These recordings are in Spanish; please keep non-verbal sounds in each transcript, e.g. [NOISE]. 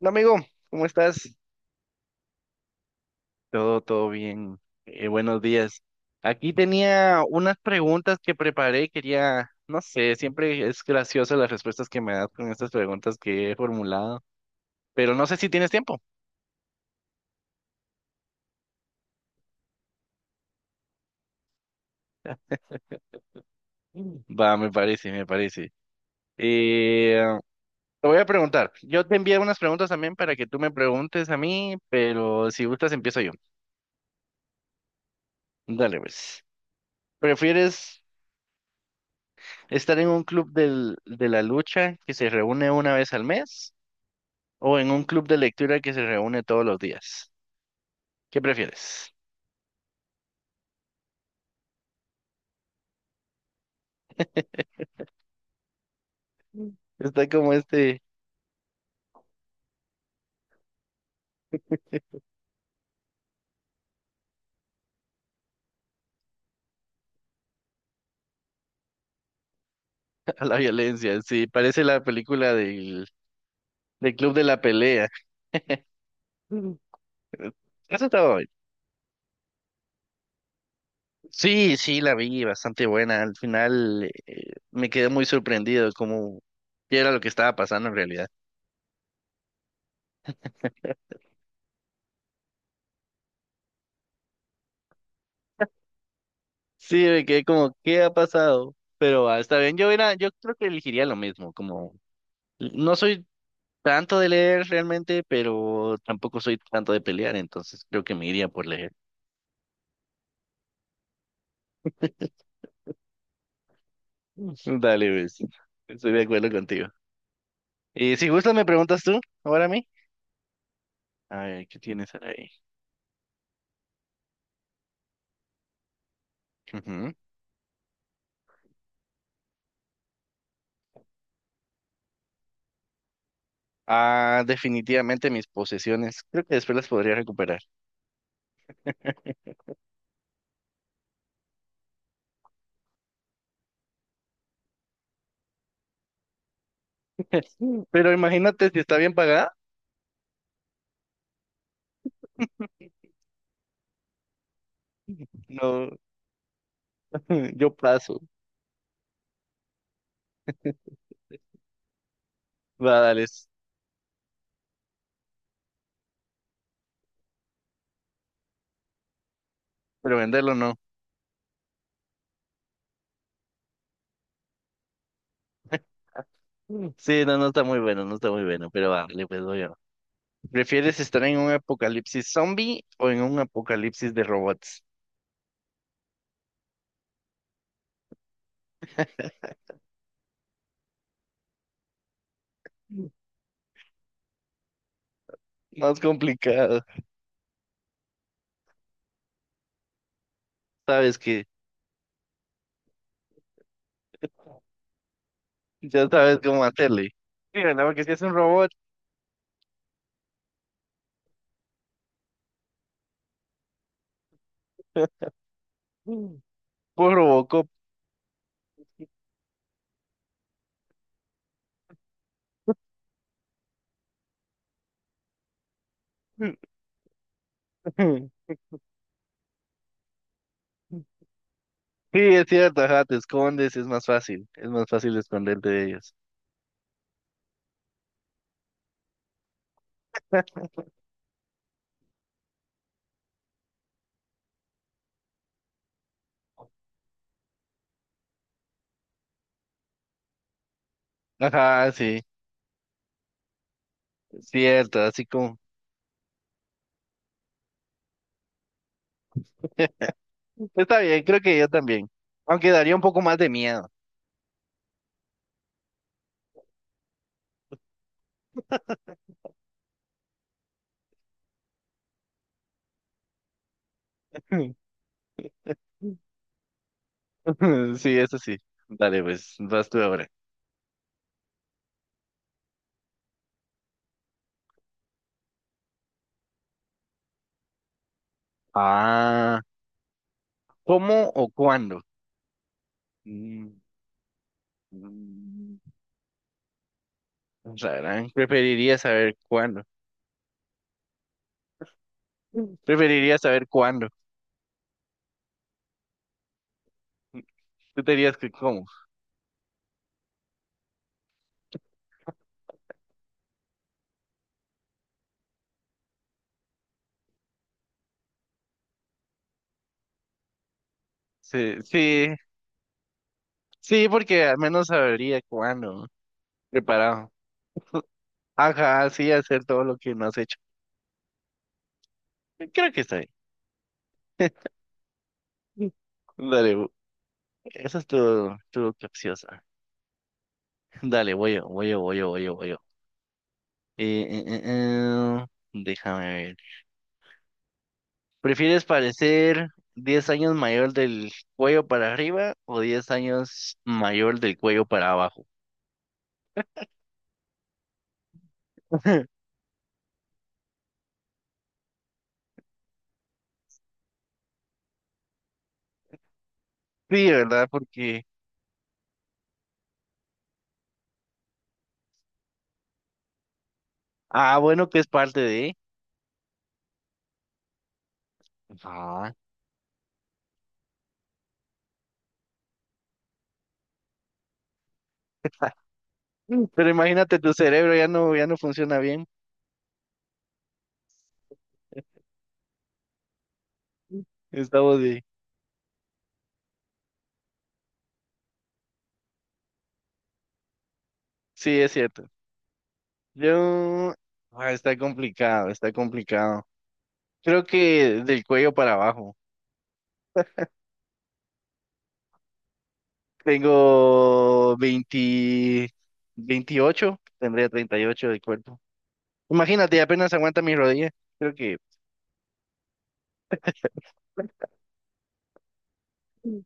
Hola amigo, ¿cómo estás? Todo bien. Buenos días. Aquí tenía unas preguntas que preparé. Quería, no sé, siempre es graciosa las respuestas que me das con estas preguntas que he formulado, pero no sé si tienes tiempo. Mm. Va, me parece, me parece. Eh, Te voy a preguntar. Yo te envié unas preguntas también para que tú me preguntes a mí, pero si gustas empiezo yo. Dale, pues. ¿Prefieres estar en un club de la lucha que se reúne una vez al mes, o en un club de lectura que se reúne todos los días? ¿Qué prefieres? Mm. Está como este. [LAUGHS] A la violencia, sí, parece la película del, del Club de la Pelea. Mm. Eso estaba bien. Sí, sí, la vi, bastante buena. Al final me quedé muy sorprendido como qué era lo que estaba pasando en realidad. Sí, me quedé como, ¿qué ha pasado? Pero está bien, yo creo que elegiría lo mismo, como no soy tanto de leer realmente, pero tampoco soy tanto de pelear, entonces creo que me iría por leer. [LAUGHS] Dale, ves. Estoy de acuerdo contigo. Y si gustas, me preguntas tú, ahora a mí. A ver, ¿qué tienes ahí? Ujú. Ah, definitivamente mis posesiones. Creo que después las podría recuperar. [LAUGHS] Pero imagínate si está bien pagada. No, [LAUGHS] yo paso. Va, dale. Pero venderlo no. Sí, no, no está muy bueno, no está muy bueno, pero va, le pues voy a- ¿Prefieres estar en un apocalipsis zombie o en un apocalipsis de robots? Más complicado. Sabes que ya sabes cómo hacerle. Mira, nada más que si es un robot, por Robocop. [LAUGHS] Sí, es cierto, ajá, te escondes, es más fácil esconderte de ellos. Ajá, sí, es cierto, así como. Está bien, creo que yo también. Aunque daría un poco más de miedo. [LAUGHS] Sí, eso sí. Dale, pues, vas tú ahora. Ah. ¿Cómo o cuándo? Mm, mm, rarán. Preferiría saber cuándo. Preferiría saber cuándo. Tú te dirías que cómo. Sí, sí, sí, porque al menos sabría cuándo. Preparado. Ajá, sí, hacer todo lo que no has hecho. Creo que está bien. Dale, esa es tu, capciosa. Dale, voy yo, voy yo, voy yo, voy yo, voy yo. Eh, eh, eh, eh, Déjame ver. ¿Prefieres parecer 10 años mayor del cuello para arriba o 10 años mayor del cuello para abajo? [LAUGHS] Sí, ¿verdad? Porque, bueno, que es parte de. Ah. [LAUGHS] Pero imagínate, tu cerebro ya no funciona bien. Estamos de. Sí, es cierto. Yo. Ah, está complicado, está complicado. Creo que del cuello para abajo. Tengo 28, tendría 38 de cuerpo. Imagínate, apenas aguanta mi rodilla. Creo que Mm.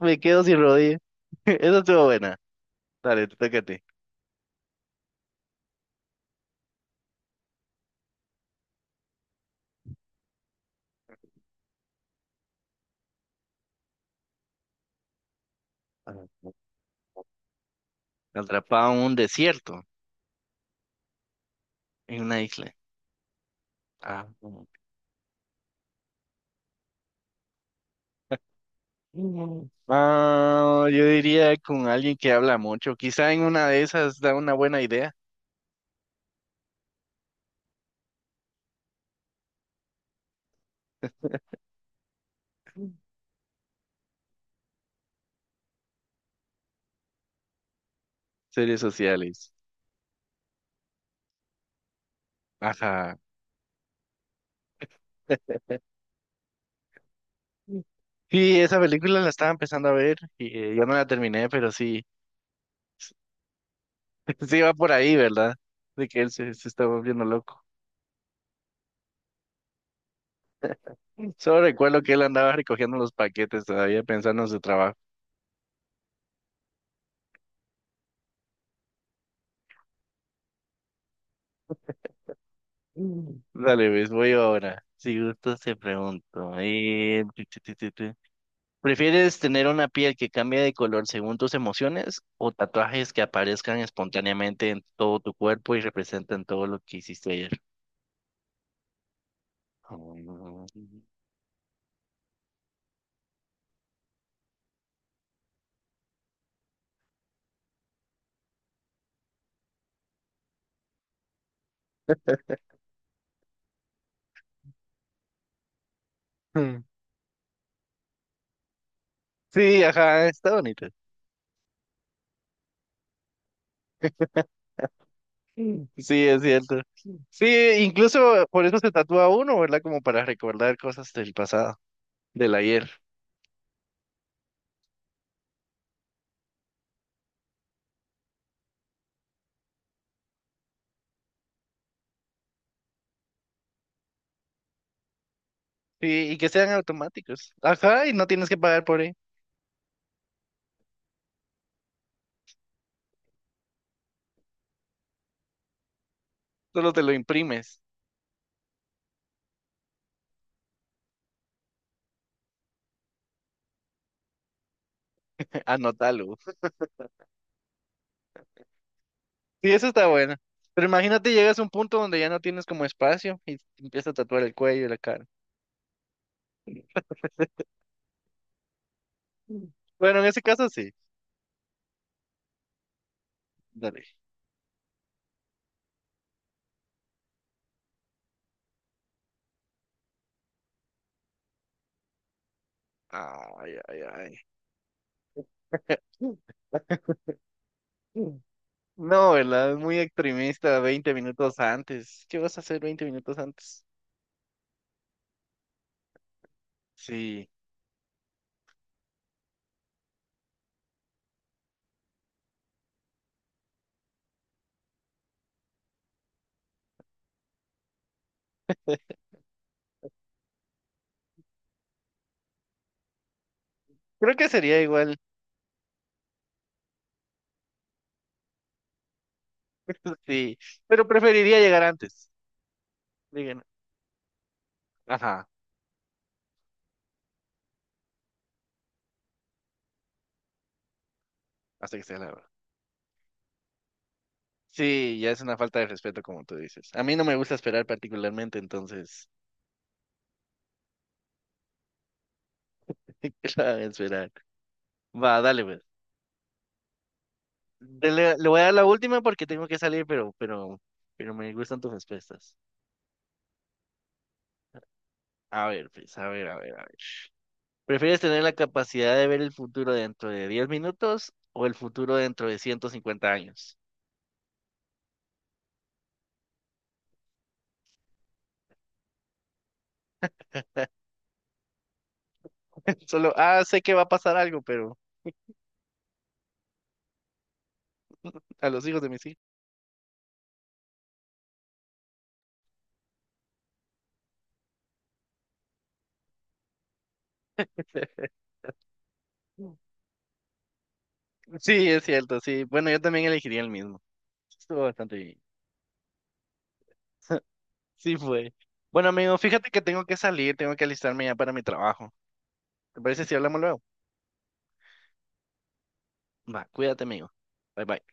me quedo sin rodilla. [LAUGHS] Eso estuvo buena. Dale, te toca a ti. Ah, atrapado en un desierto, en una isla. Ah, mm. Ah, yo diría con alguien que habla mucho. Quizá en una de esas da una buena idea. Series sociales. Ajá. Sí, esa película la estaba empezando a ver y yo no la terminé, pero sí, [LAUGHS] sí va por ahí, ¿verdad? De que él se está volviendo loco. Solo recuerdo que él andaba recogiendo los paquetes todavía pensando en su trabajo. Mm. Dale, ves, voy ahora. Si gustas, te pregunto. Tu. ¿Prefieres tener una piel que cambie de color según tus emociones o tatuajes que aparezcan espontáneamente en todo tu cuerpo y representan todo lo que hiciste ayer? Mm. Mm. Sí, ajá, está bonito. Mm. Sí, es cierto. Mm. Sí, incluso por eso se tatúa uno, ¿verdad? Como para recordar cosas del pasado, del ayer. Y que sean automáticos. Ajá, y no tienes que pagar por él. Solo te lo imprimes. [LAUGHS] Anótalo. Sí, eso está bueno. Pero imagínate, llegas a un punto donde ya no tienes como espacio y te empieza a tatuar el cuello y la cara. Mm. Bueno, en ese caso sí. Dale. Ay, ay, ay. Mm, mm. No, ¿verdad? Es muy extremista, 20 minutos antes. ¿Qué vas a hacer 20 minutos antes? Sí. Creo que sería igual. [LAUGHS] Sí. Pero preferiría llegar antes. Digan, ajá, hasta que sea la hora. Sí, ya es una falta de respeto, como tú dices. A mí no me gusta esperar particularmente, entonces, [LAUGHS] ¿qué la voy a esperar? Va, dale, pues. Le voy a dar la última porque tengo que salir, pero me gustan tus respuestas. A ver, pues, a ver, a ver, a ver. ¿Prefieres tener la capacidad de ver el futuro dentro de 10 minutos o el futuro dentro de 150 años? [LAUGHS] Solo, sé que va a pasar algo, pero a los hijos de mis hijos. [LAUGHS] Sí, es cierto, sí. Bueno, yo también elegiría el mismo. Estuvo bastante bien. Sí fue. Bueno, amigo, fíjate que tengo que salir, tengo que alistarme ya para mi trabajo. ¿Te parece si hablamos luego? Va, cuídate, amigo. Bye bye.